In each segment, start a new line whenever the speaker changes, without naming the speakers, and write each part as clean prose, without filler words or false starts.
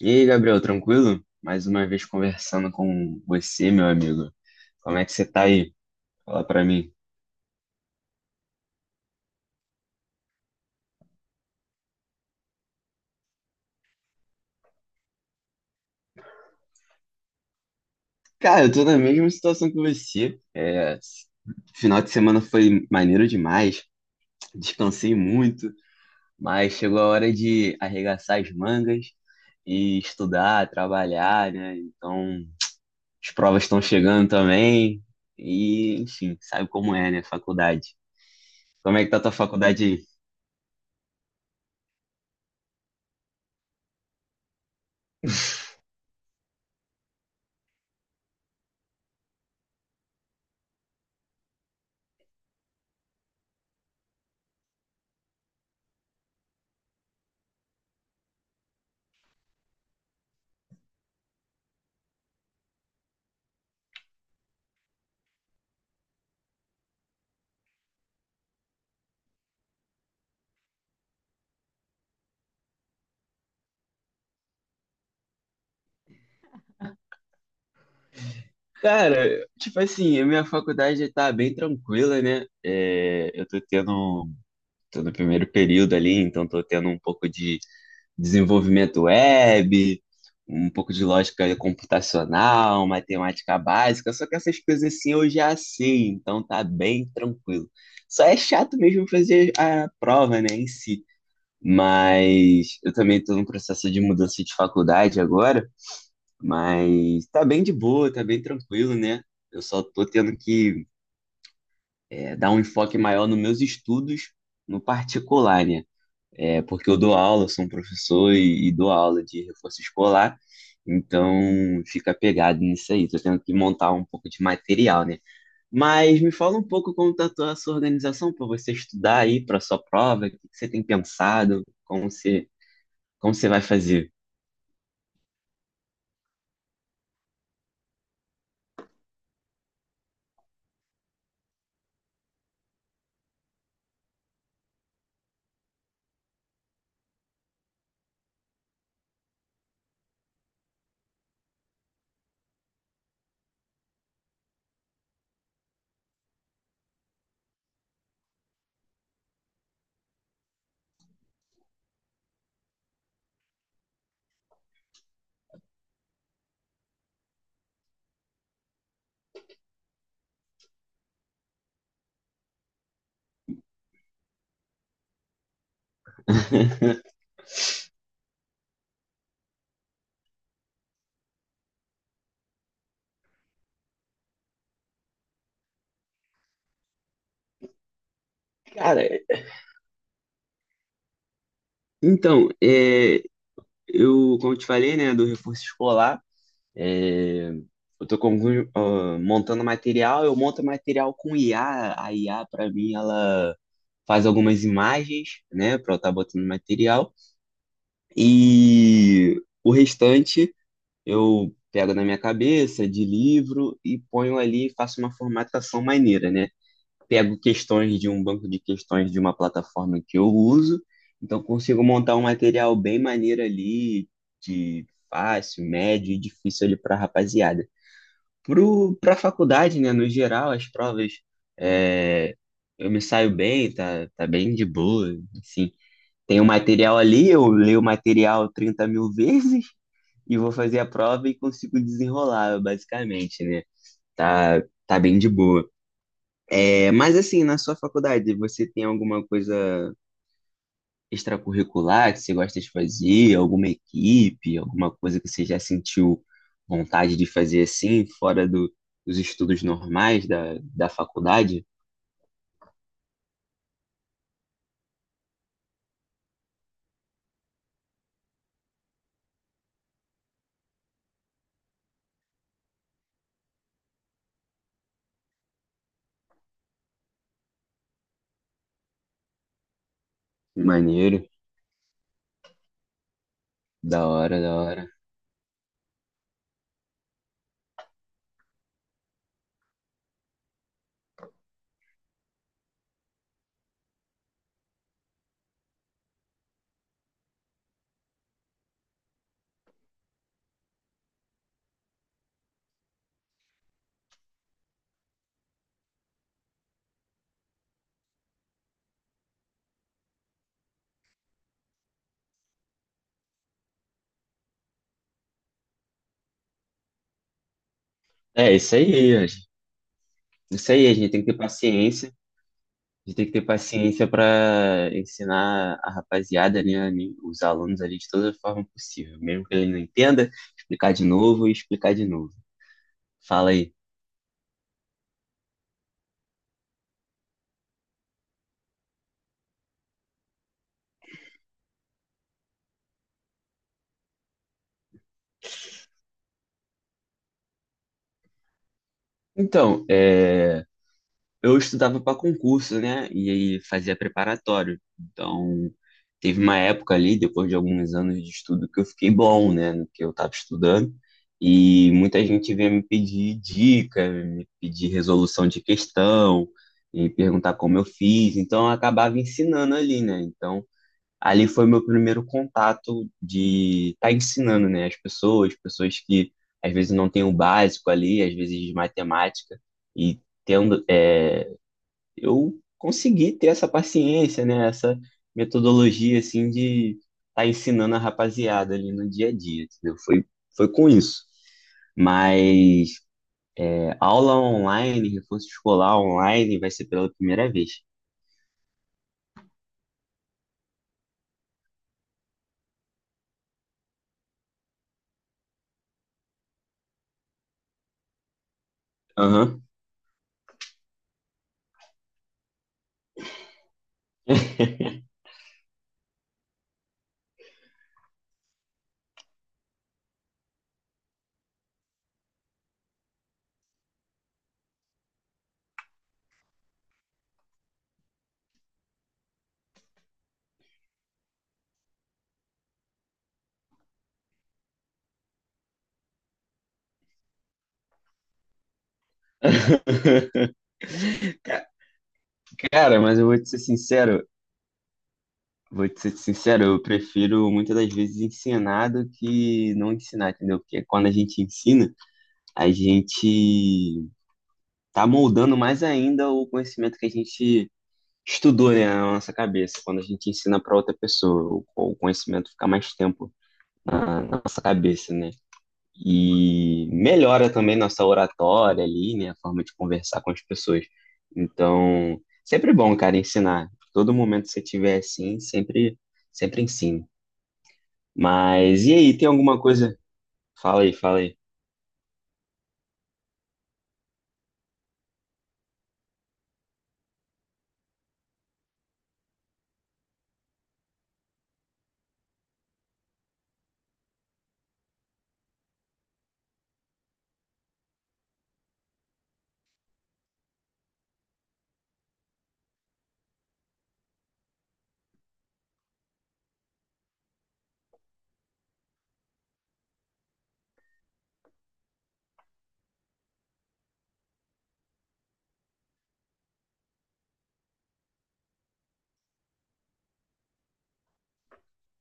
E aí, Gabriel, tranquilo? Mais uma vez conversando com você, meu amigo. Como é que você tá aí? Fala pra mim. Cara, eu tô na mesma situação que você. Final de semana foi maneiro demais, descansei muito, mas chegou a hora de arregaçar as mangas e estudar, trabalhar, né? Então, as provas estão chegando também e, enfim, sabe como é, né? Faculdade. Como é que tá a tua faculdade aí? Cara, tipo assim, a minha faculdade tá bem tranquila, né? Tô no primeiro período ali, então tô tendo um pouco de desenvolvimento web, um pouco de lógica computacional, matemática básica, só que essas coisas assim eu já sei, então tá bem tranquilo. Só é chato mesmo fazer a prova, né, em si. Mas eu também tô num processo de mudança de faculdade agora. Mas tá bem de boa, tá bem tranquilo, né? Eu só tô tendo que dar um enfoque maior nos meus estudos no particular, né? É, porque eu dou aula, eu sou um professor e dou aula de reforço escolar, então fica pegado nisso aí. Tô tendo que montar um pouco de material, né? Mas me fala um pouco como tá a sua organização para você estudar aí para sua prova, o que que você tem pensado, como você vai fazer? Cara, então, é, Eu, como eu te falei, né, do reforço escolar, é, eu tô montando material, eu monto material com IA. A IA, para mim, ela faz algumas imagens, né, para eu estar botando material. E o restante eu pego na minha cabeça, de livro, e ponho ali, faço uma formatação maneira, né? Pego questões de um banco de questões de uma plataforma que eu uso, então consigo montar um material bem maneiro ali, de fácil, médio e difícil ali para a rapaziada. Para a faculdade, né, no geral, as provas é, eu me saio bem, tá, tá bem de boa, assim. Tem o material ali, eu leio o material 30.000 vezes e vou fazer a prova e consigo desenrolar, basicamente, né? Tá, tá bem de boa. É, mas assim, na sua faculdade, você tem alguma coisa extracurricular que você gosta de fazer? Alguma equipe? Alguma coisa que você já sentiu vontade de fazer assim, dos estudos normais da faculdade? Maneiro, da hora, da hora. É, isso aí, a gente- isso aí, a gente tem que ter paciência. A gente tem que ter paciência para ensinar a rapaziada, né, ali, os alunos ali de toda forma possível, mesmo que ele não entenda, explicar de novo e explicar de novo. Fala aí. Então, é, eu estudava para concurso, né? E aí fazia preparatório. Então, teve uma época ali, depois de alguns anos de estudo, que eu fiquei bom, né? No que eu estava estudando. E muita gente vinha me pedir dica, me pedir resolução de questão, e perguntar como eu fiz. Então, eu acabava ensinando ali, né? Então, ali foi meu primeiro contato de estar ensinando, né, as pessoas, pessoas que às vezes não têm o básico ali, às vezes de matemática, e tendo, é, eu consegui ter essa paciência, né, essa metodologia, assim, de estar ensinando a rapaziada ali no dia a dia, entendeu? Foi com isso. Mas aula online, reforço escolar online, vai ser pela primeira vez. Aham. Cara, mas eu vou te ser sincero, vou te ser sincero, eu prefiro muitas das vezes ensinar do que não ensinar, entendeu? Porque quando a gente ensina, a gente tá moldando mais ainda o conhecimento que a gente estudou, né, na nossa cabeça. Quando a gente ensina para outra pessoa, o conhecimento fica mais tempo na nossa cabeça, né? E melhora também nossa oratória ali, né? A forma de conversar com as pessoas. Então, sempre bom, cara, ensinar. Todo momento que você tiver assim, sempre, sempre ensino. Mas e aí, tem alguma coisa? Fala aí, fala aí.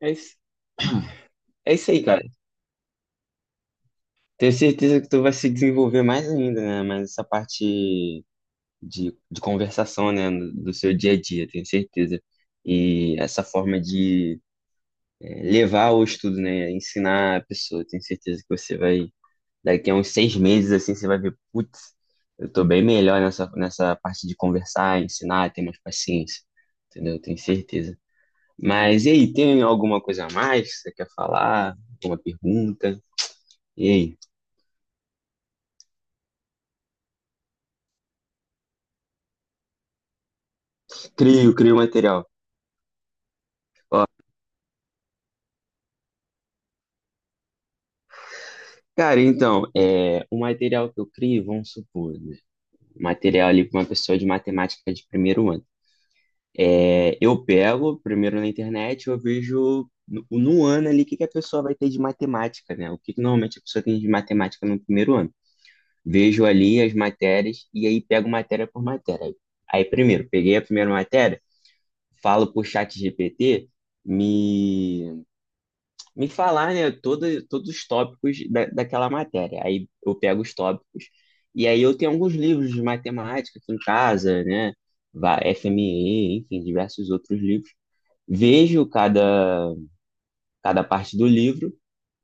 É isso, é isso aí, cara. Tenho certeza que tu vai se desenvolver mais ainda, né? Mas essa parte de conversação, né? Do seu dia a dia, tenho certeza. E essa forma de levar o estudo, né? Ensinar a pessoa, tenho certeza que você vai. Daqui a uns 6 meses, assim, você vai ver, putz, eu tô bem melhor nessa parte de conversar, ensinar, ter mais paciência. Entendeu? Eu tenho certeza. Mas e aí, tem alguma coisa a mais que você quer falar? Alguma pergunta? E aí? Crio material. Ó, o material que eu crio, vamos supor, né? Material ali para uma pessoa de matemática de primeiro ano. É, eu pego primeiro na internet, eu vejo no ano ali que a pessoa vai ter de matemática, né? O que normalmente a pessoa tem de matemática no primeiro ano. Vejo ali as matérias e aí pego matéria por matéria. Aí primeiro, peguei a primeira matéria, falo pro chat GPT me, me falar, né, todos os tópicos daquela matéria. Aí eu pego os tópicos e aí eu tenho alguns livros de matemática aqui em casa, né? FME, enfim, diversos outros livros. Vejo cada parte do livro,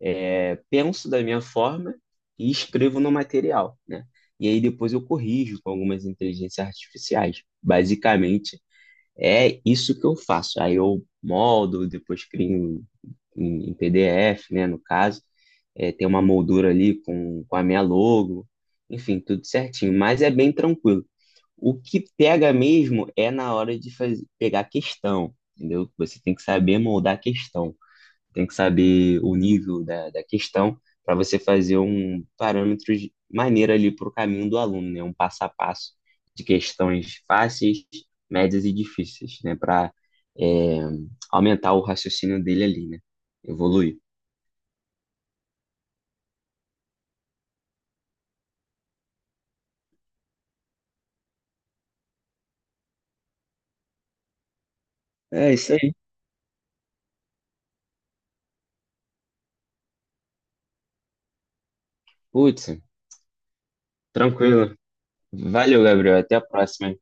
penso da minha forma e escrevo no material, né? E aí depois eu corrijo com algumas inteligências artificiais. Basicamente, é isso que eu faço. Aí eu moldo, depois crio em PDF, né, no caso. É, tem uma moldura ali com a minha logo, enfim, tudo certinho. Mas é bem tranquilo. O que pega mesmo é na hora de fazer, pegar a questão, entendeu? Você tem que saber moldar a questão, tem que saber o nível da questão para você fazer um parâmetro de maneira ali para o caminho do aluno, né? Um passo a passo de questões fáceis, médias e difíceis, né? Para aumentar o raciocínio dele ali, né? Evoluir. É isso aí. Putz, tranquilo. Valeu, Gabriel. Até a próxima.